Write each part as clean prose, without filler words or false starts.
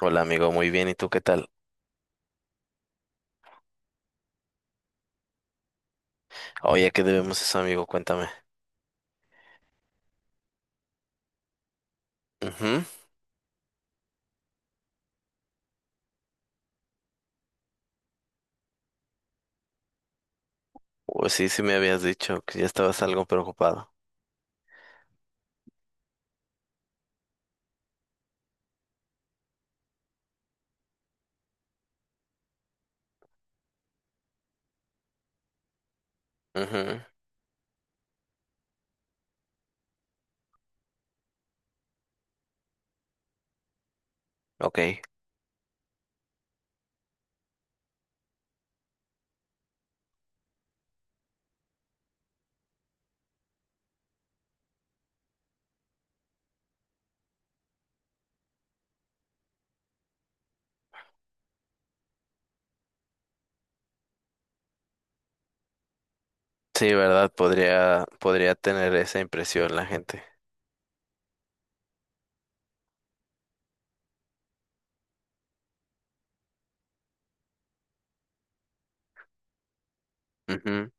Hola amigo, muy bien, ¿y tú qué tal? Oye, ¿a qué debemos eso, amigo? Cuéntame. Ujú. Pues sí, sí me habías dicho que ya estabas algo preocupado. Ujú. Ok. Sí, ¿verdad? Podría tener esa impresión la gente. Ujú.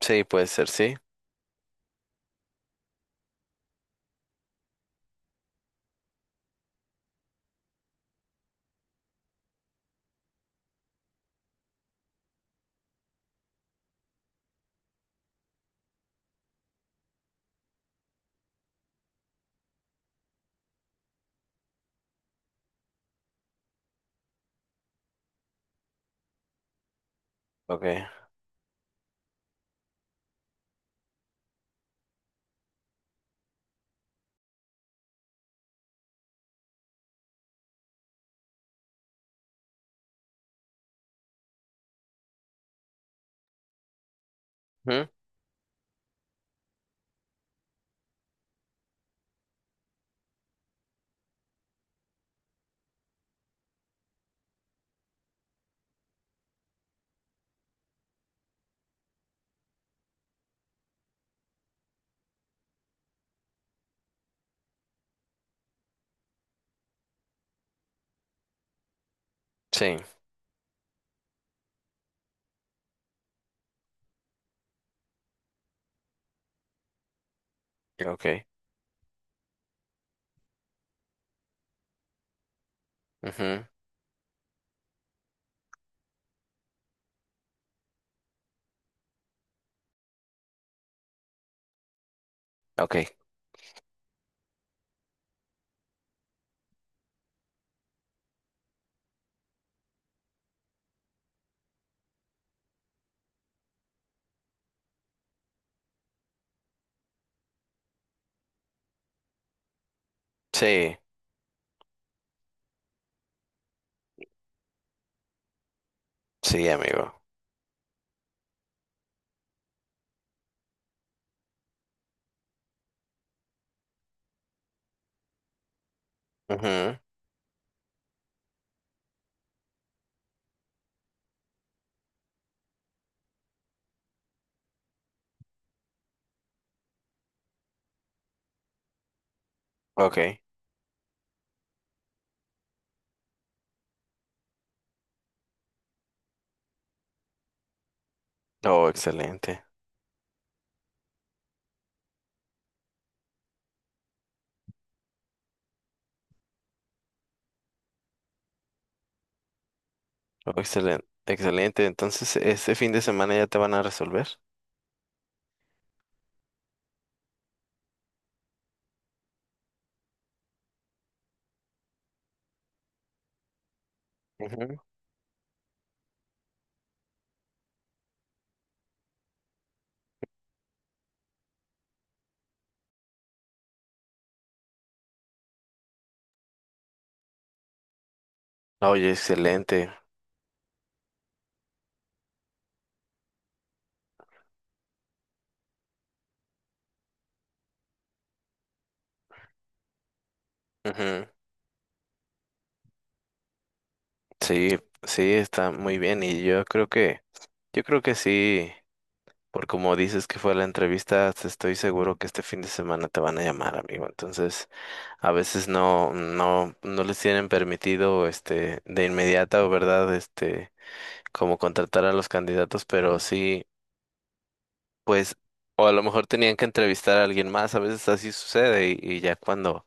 Sí, puede ser, sí. Ok. Ujú. Sí, ok. Ujú. Ok. Sí, sí, amigo. Ujú. Ok. Oh, excelente. Oh, excelente. Excelente. Entonces, ¿este fin de semana ya te van a resolver? Ujú. Oye, excelente. Ujú. Sí, sí, está muy bien y yo creo que sí, por como dices que fue la entrevista, te estoy seguro que este fin de semana te van a llamar, amigo. Entonces, a veces no les tienen permitido, este, de inmediata, o verdad, este, como contratar a los candidatos, pero sí, pues, o a lo mejor tenían que entrevistar a alguien más, a veces así sucede y ya cuando,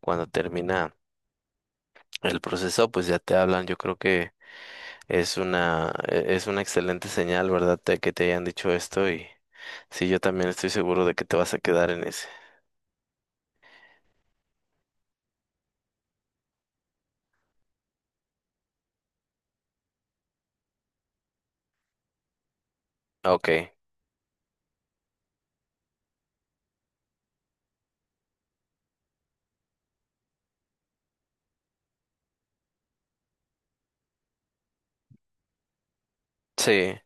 cuando termina el proceso, pues ya te hablan, yo creo que es una, es una excelente señal, ¿verdad? Que te hayan dicho esto y sí, yo también estoy seguro de que te vas a quedar en ese. Ok, sí,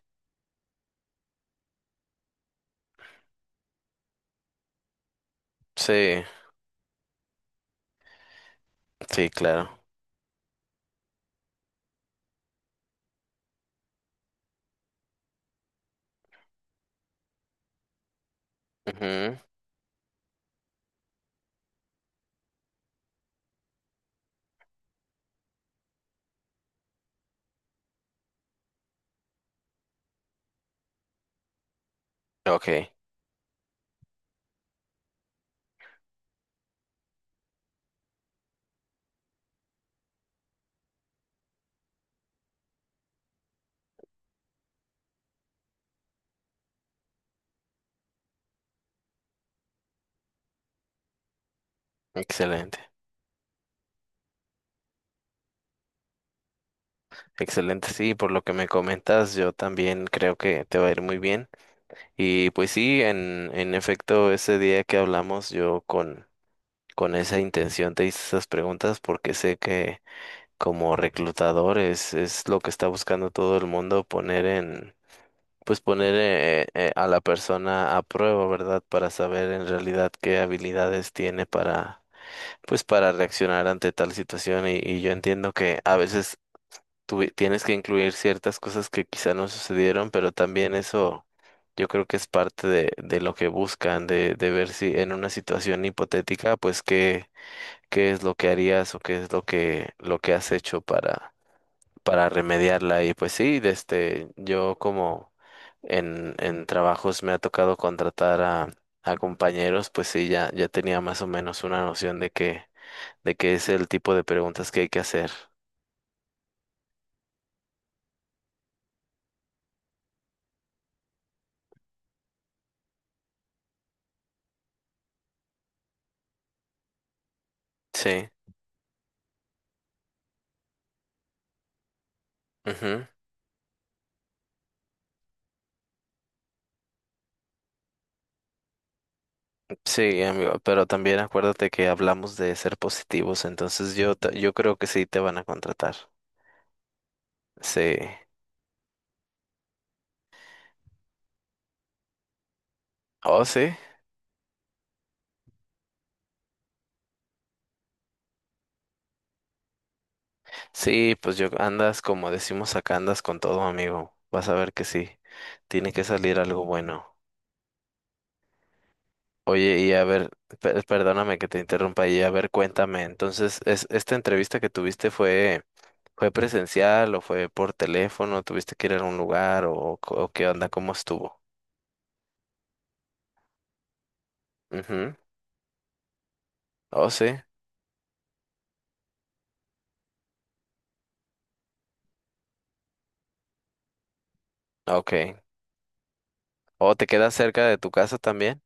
sí, sí, claro. Ujú. Ok, excelente, excelente. Sí, por lo que me comentas, yo también creo que te va a ir muy bien. Y pues sí, en efecto, ese día que hablamos, yo con esa intención te hice esas preguntas porque sé que como reclutador es lo que está buscando todo el mundo poner en, pues poner a la persona a prueba, ¿verdad? Para saber en realidad qué habilidades tiene para, pues para reaccionar ante tal situación. Y yo entiendo que a veces tienes que incluir ciertas cosas que quizá no sucedieron, pero también eso yo creo que es parte de lo que buscan, de ver si en una situación hipotética, pues qué, qué es lo que harías o qué es lo que has hecho para remediarla. Y pues sí, desde yo como en trabajos me ha tocado contratar a compañeros, pues sí, ya, ya tenía más o menos una noción de que, de qué es el tipo de preguntas que hay que hacer. Sí. Ujú. Sí, amigo, pero también acuérdate que hablamos de ser positivos, entonces yo, yo creo que sí te van a contratar. Sí. Oh, sí. Sí, pues yo andas como decimos acá, andas con todo, amigo. Vas a ver que sí. Tiene que salir algo bueno. Oye, y a ver, perdóname que te interrumpa, y a ver, cuéntame, entonces, es, ¿esta entrevista que tuviste fue, fue presencial o fue por teléfono? ¿Tuviste que ir a un lugar o, o qué onda? ¿Cómo estuvo? Ujú. Oh, sí, ok. ¿O te quedas cerca de tu casa también?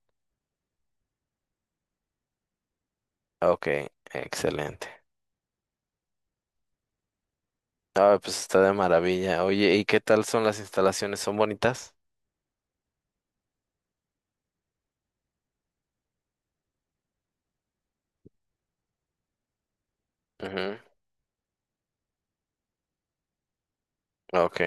Ok, excelente. Ah, pues está de maravilla. Oye, ¿y qué tal son las instalaciones? ¿Son bonitas? Ujú. Ok,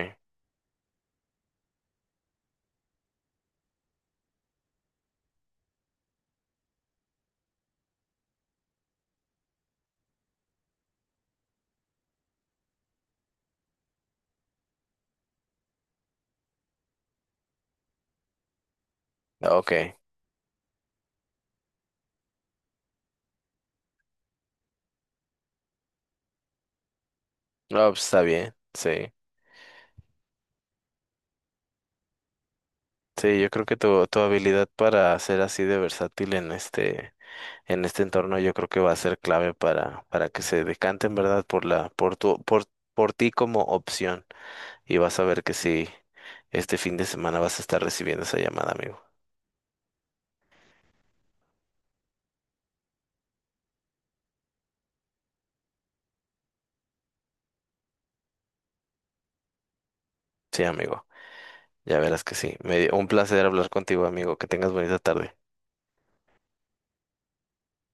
ok. No, pues está bien, sí. Sí, yo creo que tu habilidad para ser así de versátil en este entorno, yo creo que va a ser clave para que se decanten, ¿verdad? Por la, por tu, por ti como opción. Y vas a ver que sí, este fin de semana vas a estar recibiendo esa llamada, amigo. Sí, amigo. Ya verás que sí. Me, un placer hablar contigo, amigo. Que tengas bonita tarde.